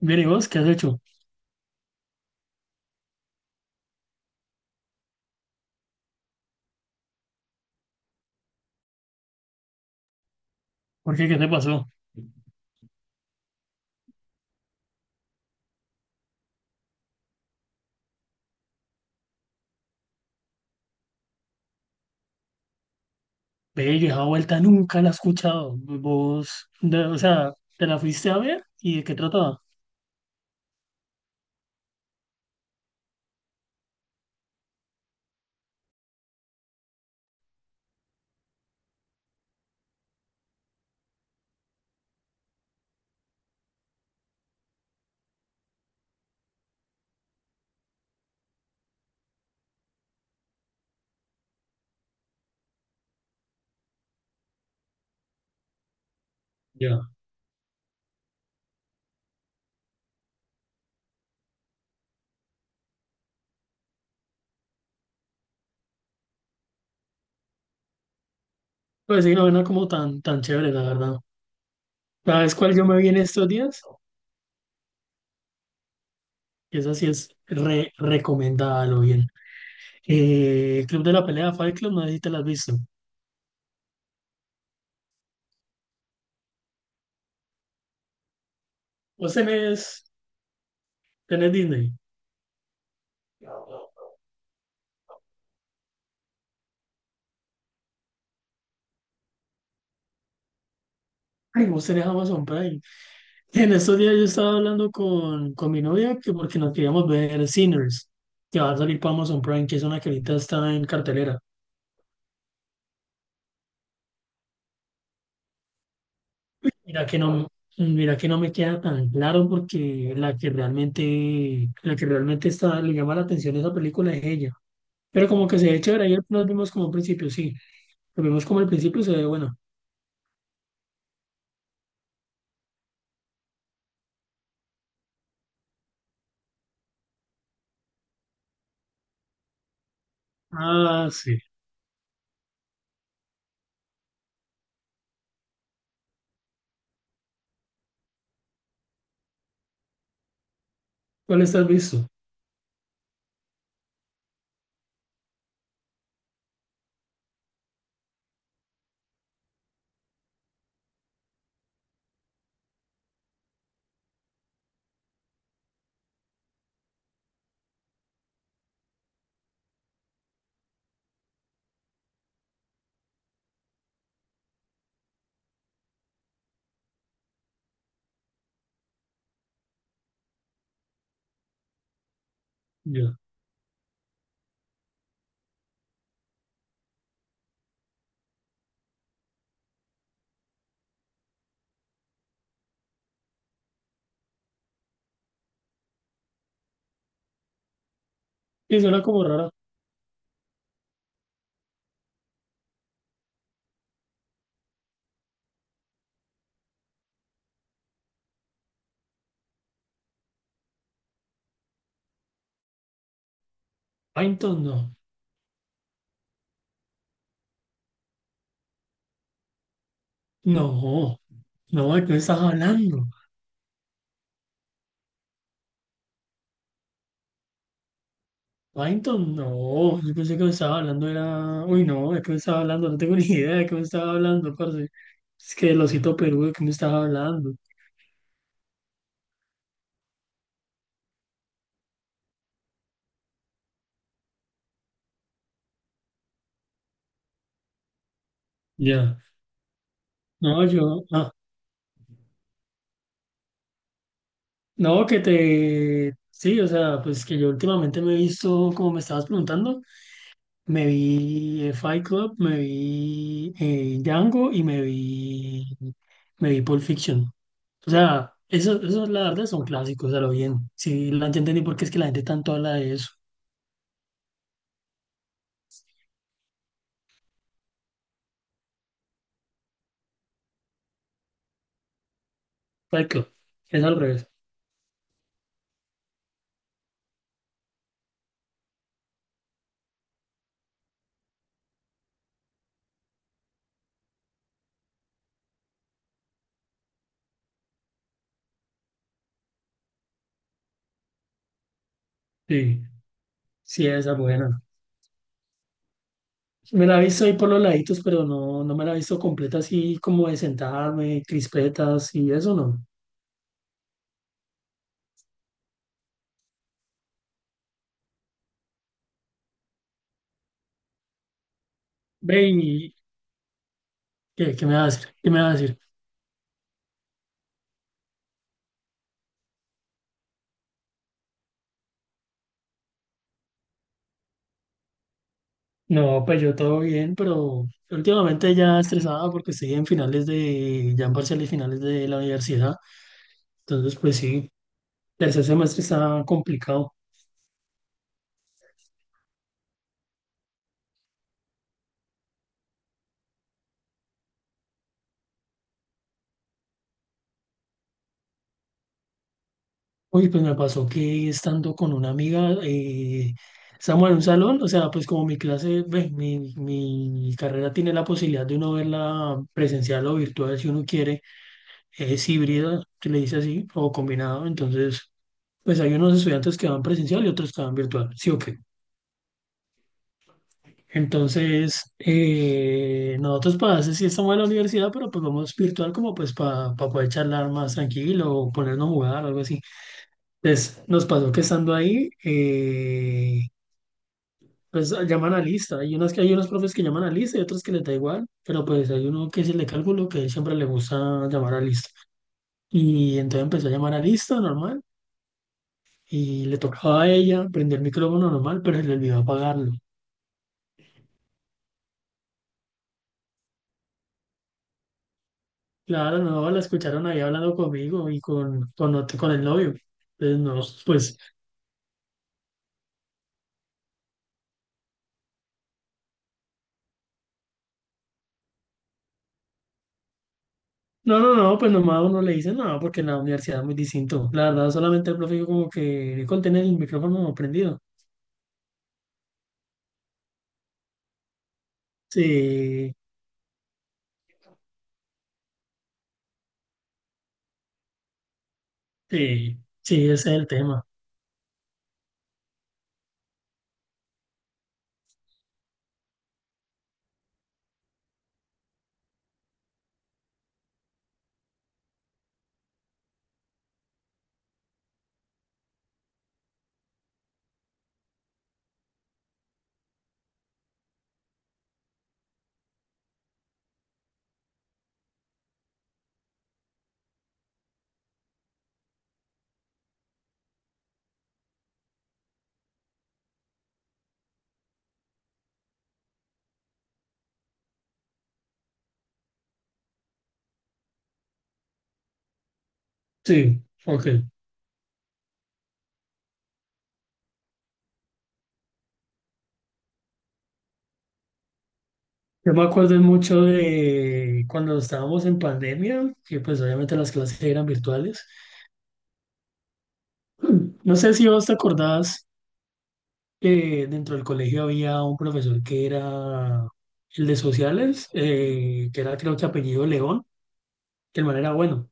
Bien, ¿y vos qué has hecho? ¿Por qué? ¿Qué te pasó? ¡Bello! Esa vuelta nunca la he escuchado. Vos, o sea, ¿te la fuiste a ver? ¿Y de qué trataba? Ya. Pues sí, no era como tan, tan chévere, la verdad. ¿Sabes cuál yo me vi en estos días? Que esa sí es re recomendada, lo bien. Club de la Pelea, Fight Club, no sé si te la has visto. Vos tenés Disney. Ay, vos tenés Amazon Prime. En estos días yo estaba hablando con mi novia que porque nos queríamos ver Sinners, que va a salir para Amazon Prime, que es una que ahorita está en cartelera. Mira que no, mira que no me queda tan claro porque la que realmente está, le llama la atención a esa película es ella. Pero como que se ve chévere, ayer nos vimos como al principio, sí. Nos vimos como al principio y se ve bueno. Ah, sí. ¿Cuál estás visto? Ya. Y suena como rara. Python, no. No, no, ¿de qué estás hablando? Paddington, no, yo pensé que me estaba hablando, era. Uy, no, ¿de qué me estaba hablando? No tengo ni idea de qué me estaba hablando, parce. Es que el osito Perú, ¿de qué me estaba hablando? Ya. No, yo. Ah, no, que te. Sí, o sea, pues que yo últimamente me he visto, como me estabas preguntando, me vi Fight Club, me vi Django y me vi. Me vi Pulp Fiction. O sea, eso la verdad son clásicos, a lo bien. Sí, la entendí porque es que la gente tanto habla de eso. Exacto, es al revés. Sí, sí, esa es buena. Me la he visto ahí por los laditos, pero no, no me la he visto completa así como de sentarme, crispetas y eso no. Ve y ¿qué, qué me va a decir? ¿Qué me va a decir? No, pues yo todo bien, pero últimamente ya estresada porque estoy en finales de, ya en parciales finales de la universidad. Entonces, pues sí, tercer semestre está complicado. Uy, pues me pasó que estando con una amiga, estamos en un salón, o sea, pues como mi clase, ve, mi carrera tiene la posibilidad de uno verla presencial o virtual si uno quiere, es híbrida, se le dice así, o combinado, entonces, pues hay unos estudiantes que van presencial y otros que van virtual, sí o qué. Entonces, nosotros para eso sí estamos en la universidad, pero pues vamos virtual como pues para poder charlar más tranquilo o ponernos a jugar, algo así. Entonces, nos pasó que estando ahí, pues llaman a lista. Hay unas que hay unos profes que llaman a lista y otros que les da igual, pero pues hay uno que es el de cálculo que él siempre le gusta llamar a lista. Y entonces empezó a llamar a lista normal y le tocaba a ella prender el micrófono normal, pero se le olvidó apagarlo. Claro, no, la escucharon ahí hablando conmigo y con el novio. Entonces, no, pues, no, no, no, pues nomás uno le dice, no, porque en la universidad es muy distinto. La verdad, solamente el profe dijo como que con tener el micrófono prendido. Sí, sí, sí, ese es el tema. Sí, ok. Yo me acuerdo mucho de cuando estábamos en pandemia, que pues obviamente las clases eran virtuales. No sé si vos te acordás que dentro del colegio había un profesor que era el de sociales, que era creo que apellido León, que el man era bueno.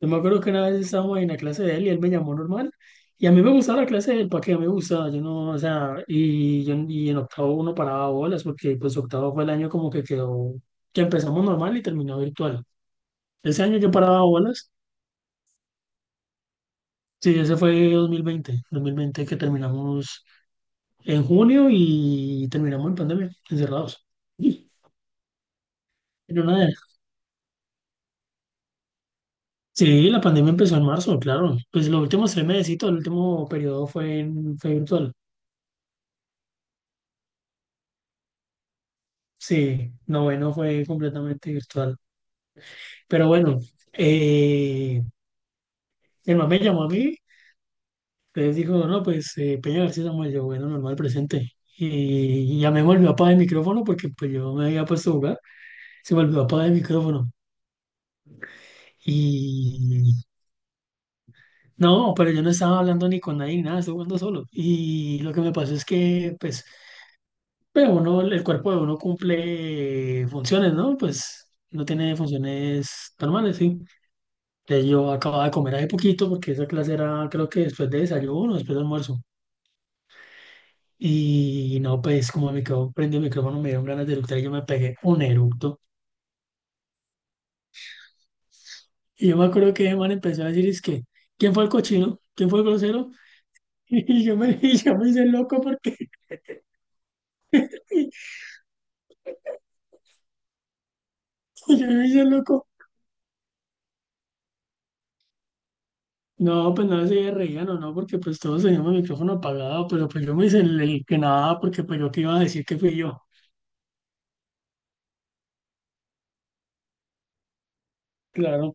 Yo me acuerdo que una vez estábamos en la clase de él y él me llamó normal. Y a mí me gustaba la clase de él, ¿para qué a mí me gustaba? Yo no, o sea, y, yo, y en octavo uno paraba bolas, porque pues octavo fue el año como que quedó, que empezamos normal y terminó virtual. Ese año yo paraba bolas, sí, ese fue dos mil veinte que terminamos en junio y terminamos en pandemia, encerrados. Y- Pero nada, sí, la pandemia empezó en marzo, claro. Pues los últimos 3 meses, el último periodo fue virtual. Sí, noveno fue completamente virtual. Pero bueno, eh, el man me llamó a mí, entonces dijo, no, pues Peña García Samuel, yo, bueno, normal, presente. Y ya me volvió a apagar el micrófono porque pues yo me había puesto a jugar, se me olvidó apagar el micrófono. Y no, pero yo no estaba hablando ni con nadie, ni nada, estaba jugando solo. Y lo que me pasó es que, pues, pero uno, el cuerpo de uno cumple funciones, ¿no? Pues no tiene funciones normales, sí. Entonces yo acababa de comer hace poquito porque esa clase era creo que después de desayuno, después de almuerzo. Y no, pues como me quedó prendido el micrófono, me dieron ganas de eructar y yo me pegué un eructo. Y yo me acuerdo que el man empezó a decir, es que, ¿quién fue el cochino? ¿Quién fue el grosero? Y yo me, y yo me hice loco porque, y yo me hice loco. No, pues no se reían o no, porque pues todos teníamos el micrófono apagado, pero pues yo me hice el que nada porque pues yo qué iba a decir que fui yo. Claro.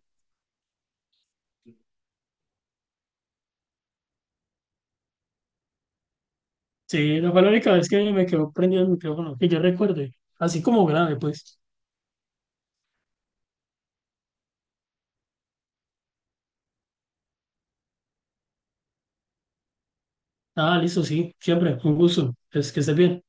Sí, no fue la única vez que me quedó prendido el micrófono, que yo recuerde, así como grave, pues. Ah, listo, sí, siempre, un gusto, es que estés bien.